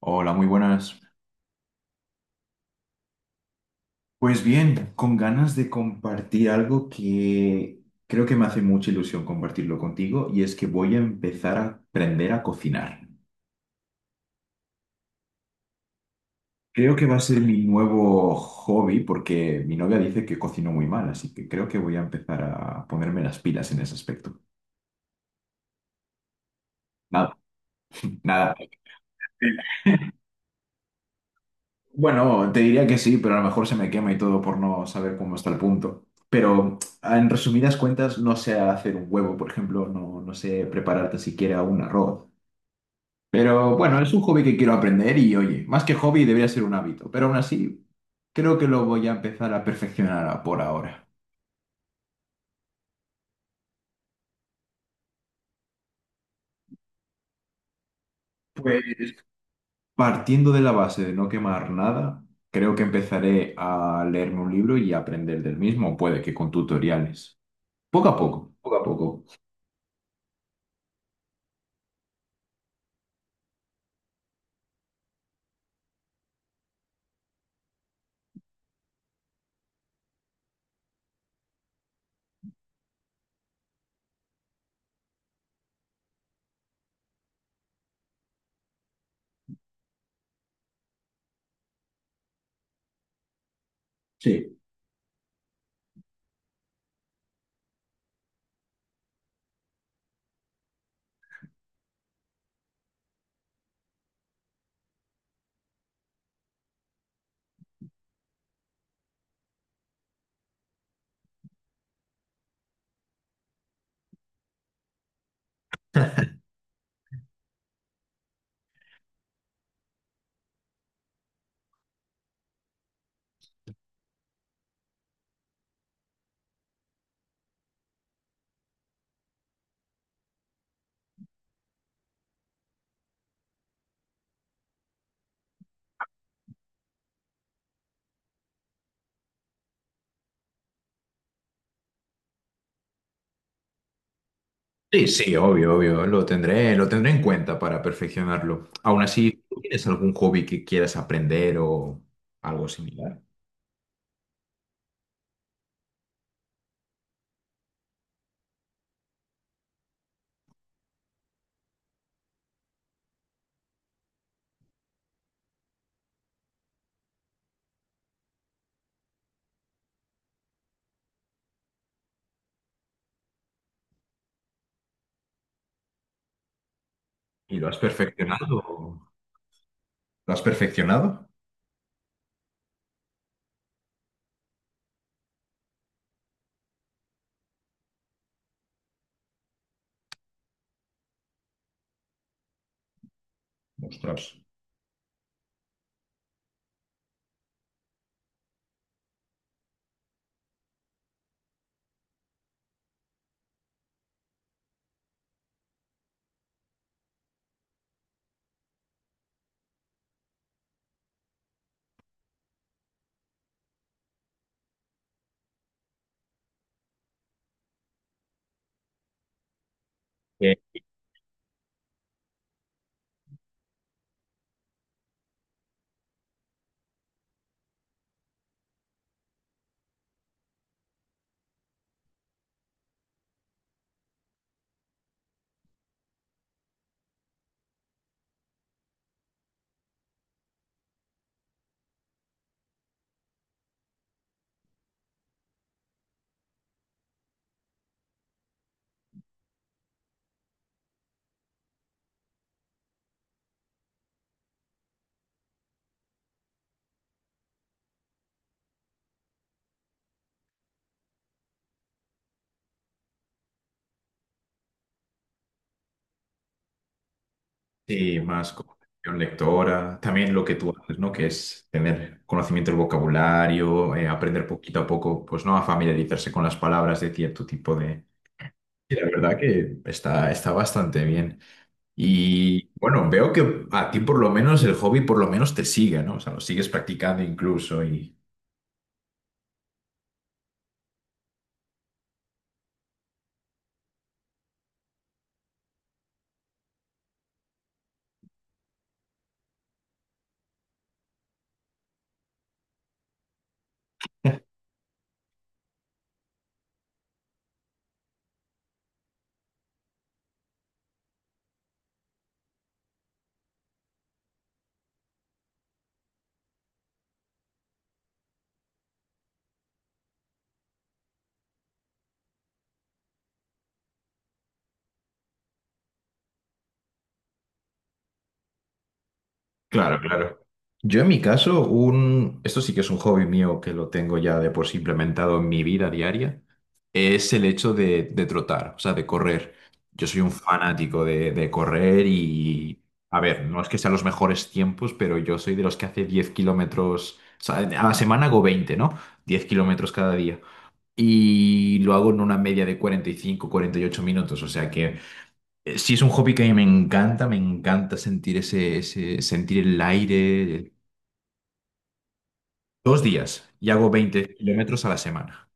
Hola, muy buenas. Pues bien, con ganas de compartir algo que creo que me hace mucha ilusión compartirlo contigo y es que voy a empezar a aprender a cocinar. Creo que va a ser mi nuevo hobby porque mi novia dice que cocino muy mal, así que creo que voy a empezar a ponerme las pilas en ese aspecto. Nada, nada. Bueno, te diría que sí, pero a lo mejor se me quema y todo por no saber cómo está el punto. Pero en resumidas cuentas, no sé hacer un huevo, por ejemplo, no, no sé prepararte siquiera un arroz. Pero bueno, es un hobby que quiero aprender y oye, más que hobby debería ser un hábito, pero aún así creo que lo voy a empezar a perfeccionar por ahora. Pues partiendo de la base de no quemar nada, creo que empezaré a leerme un libro y a aprender del mismo, puede que con tutoriales. Poco a poco, poco a poco. Sí. Sí, sí, obvio, obvio, lo tendré en cuenta para perfeccionarlo. Aún así, ¿tú tienes algún hobby que quieras aprender o algo similar? ¿Y lo has perfeccionado? ¿Lo has perfeccionado? Ostras. Eh, sí, más comprensión lectora, también lo que tú haces, ¿no? Que es tener conocimiento del vocabulario, aprender poquito a poco, pues no, a familiarizarse con las palabras de cierto tipo de... Y la verdad que está bastante bien. Y bueno, veo que a ti por lo menos el hobby por lo menos te sigue, ¿no? O sea, lo sigues practicando incluso y... Claro, claro. Yo en mi caso, un... esto sí que es un hobby mío que lo tengo ya de por sí implementado en mi vida diaria, es el hecho de trotar, o sea, de correr. Yo soy un fanático de correr y... A ver, no es que sean los mejores tiempos, pero yo soy de los que hace 10 kilómetros, o sea, a la semana hago 20, ¿no? 10 kilómetros cada día. Y lo hago en una media de 40, 45, 48 minutos. O sea que sí es un hobby que a mí me encanta sentir sentir el aire. Dos días y hago 20 kilómetros a la semana.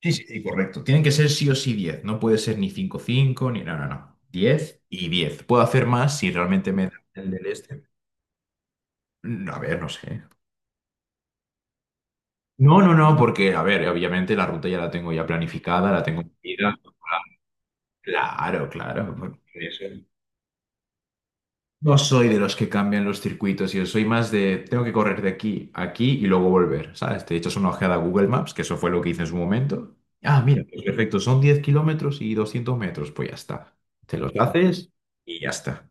Sí, sí, sí, correcto. Tienen que ser sí o sí 10. No puede ser ni 5 5 ni... No, no, no. 10 y 10. Puedo hacer más si realmente me da el del este. Mm, a ver, no sé. No, no, no, porque, a ver, obviamente la ruta ya la tengo ya planificada, la tengo medida. Claro, claro, por eso. No soy de los que cambian los circuitos, yo soy más de tengo que correr de aquí a aquí y luego volver, ¿sabes? Te echas una ojeada a Google Maps, que eso fue lo que hice en su momento. Ah, mira, pues perfecto, son 10 kilómetros y 200 metros, pues ya está. Te los, claro, haces y ya está.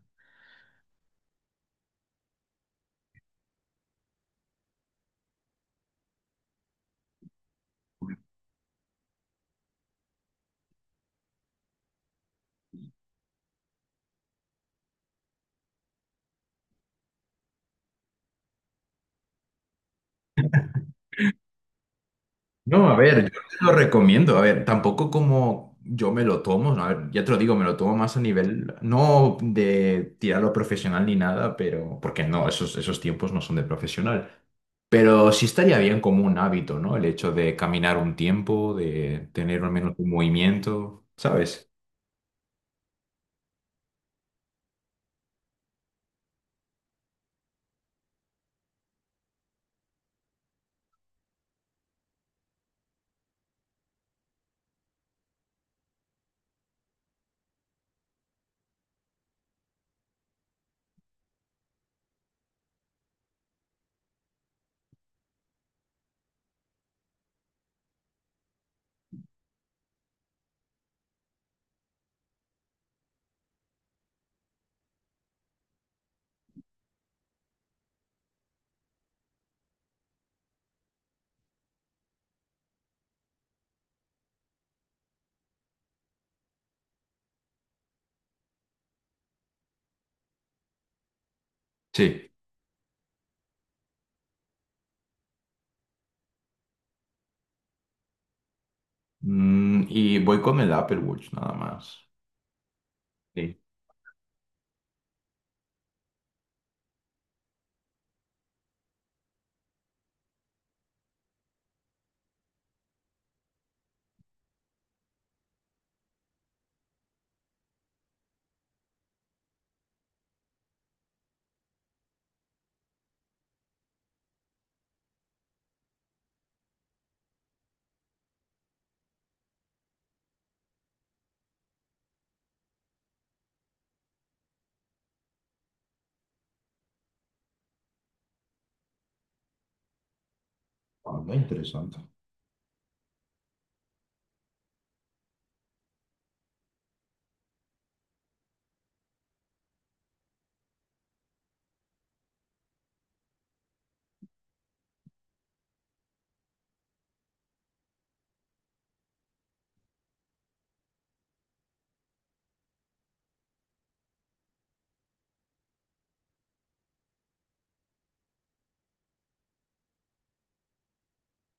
No, a ver, yo te lo recomiendo. A ver, tampoco como yo me lo tomo, ¿no? A ver, ya te lo digo, me lo tomo más a nivel, no de tirarlo profesional ni nada, pero porque no, esos tiempos no son de profesional. Pero sí estaría bien como un hábito, ¿no? El hecho de caminar un tiempo, de tener al menos un movimiento, ¿sabes? Sí. Mm, y voy con el Apple Watch, nada más. Sí. Ah, muy interesante.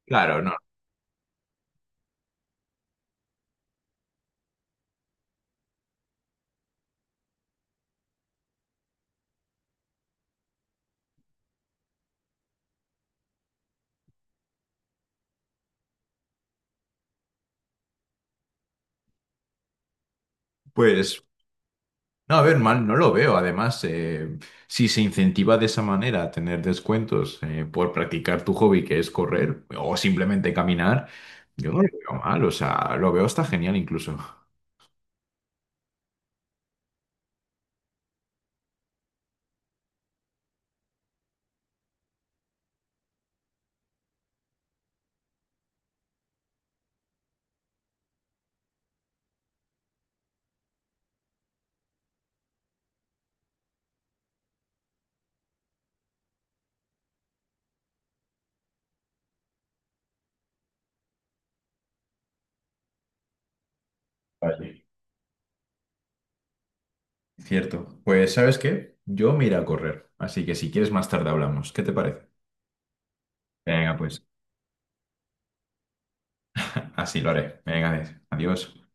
Claro, no. Pues, no, a ver, mal no lo veo. Además, si se incentiva de esa manera a tener descuentos por practicar tu hobby, que es correr o simplemente caminar, yo no lo veo mal. O sea, lo veo hasta genial incluso. Vale. Cierto. Pues, ¿sabes qué? Yo me iré a correr. Así que si quieres más tarde hablamos. ¿Qué te parece? Venga, pues así lo haré. Venga, adiós.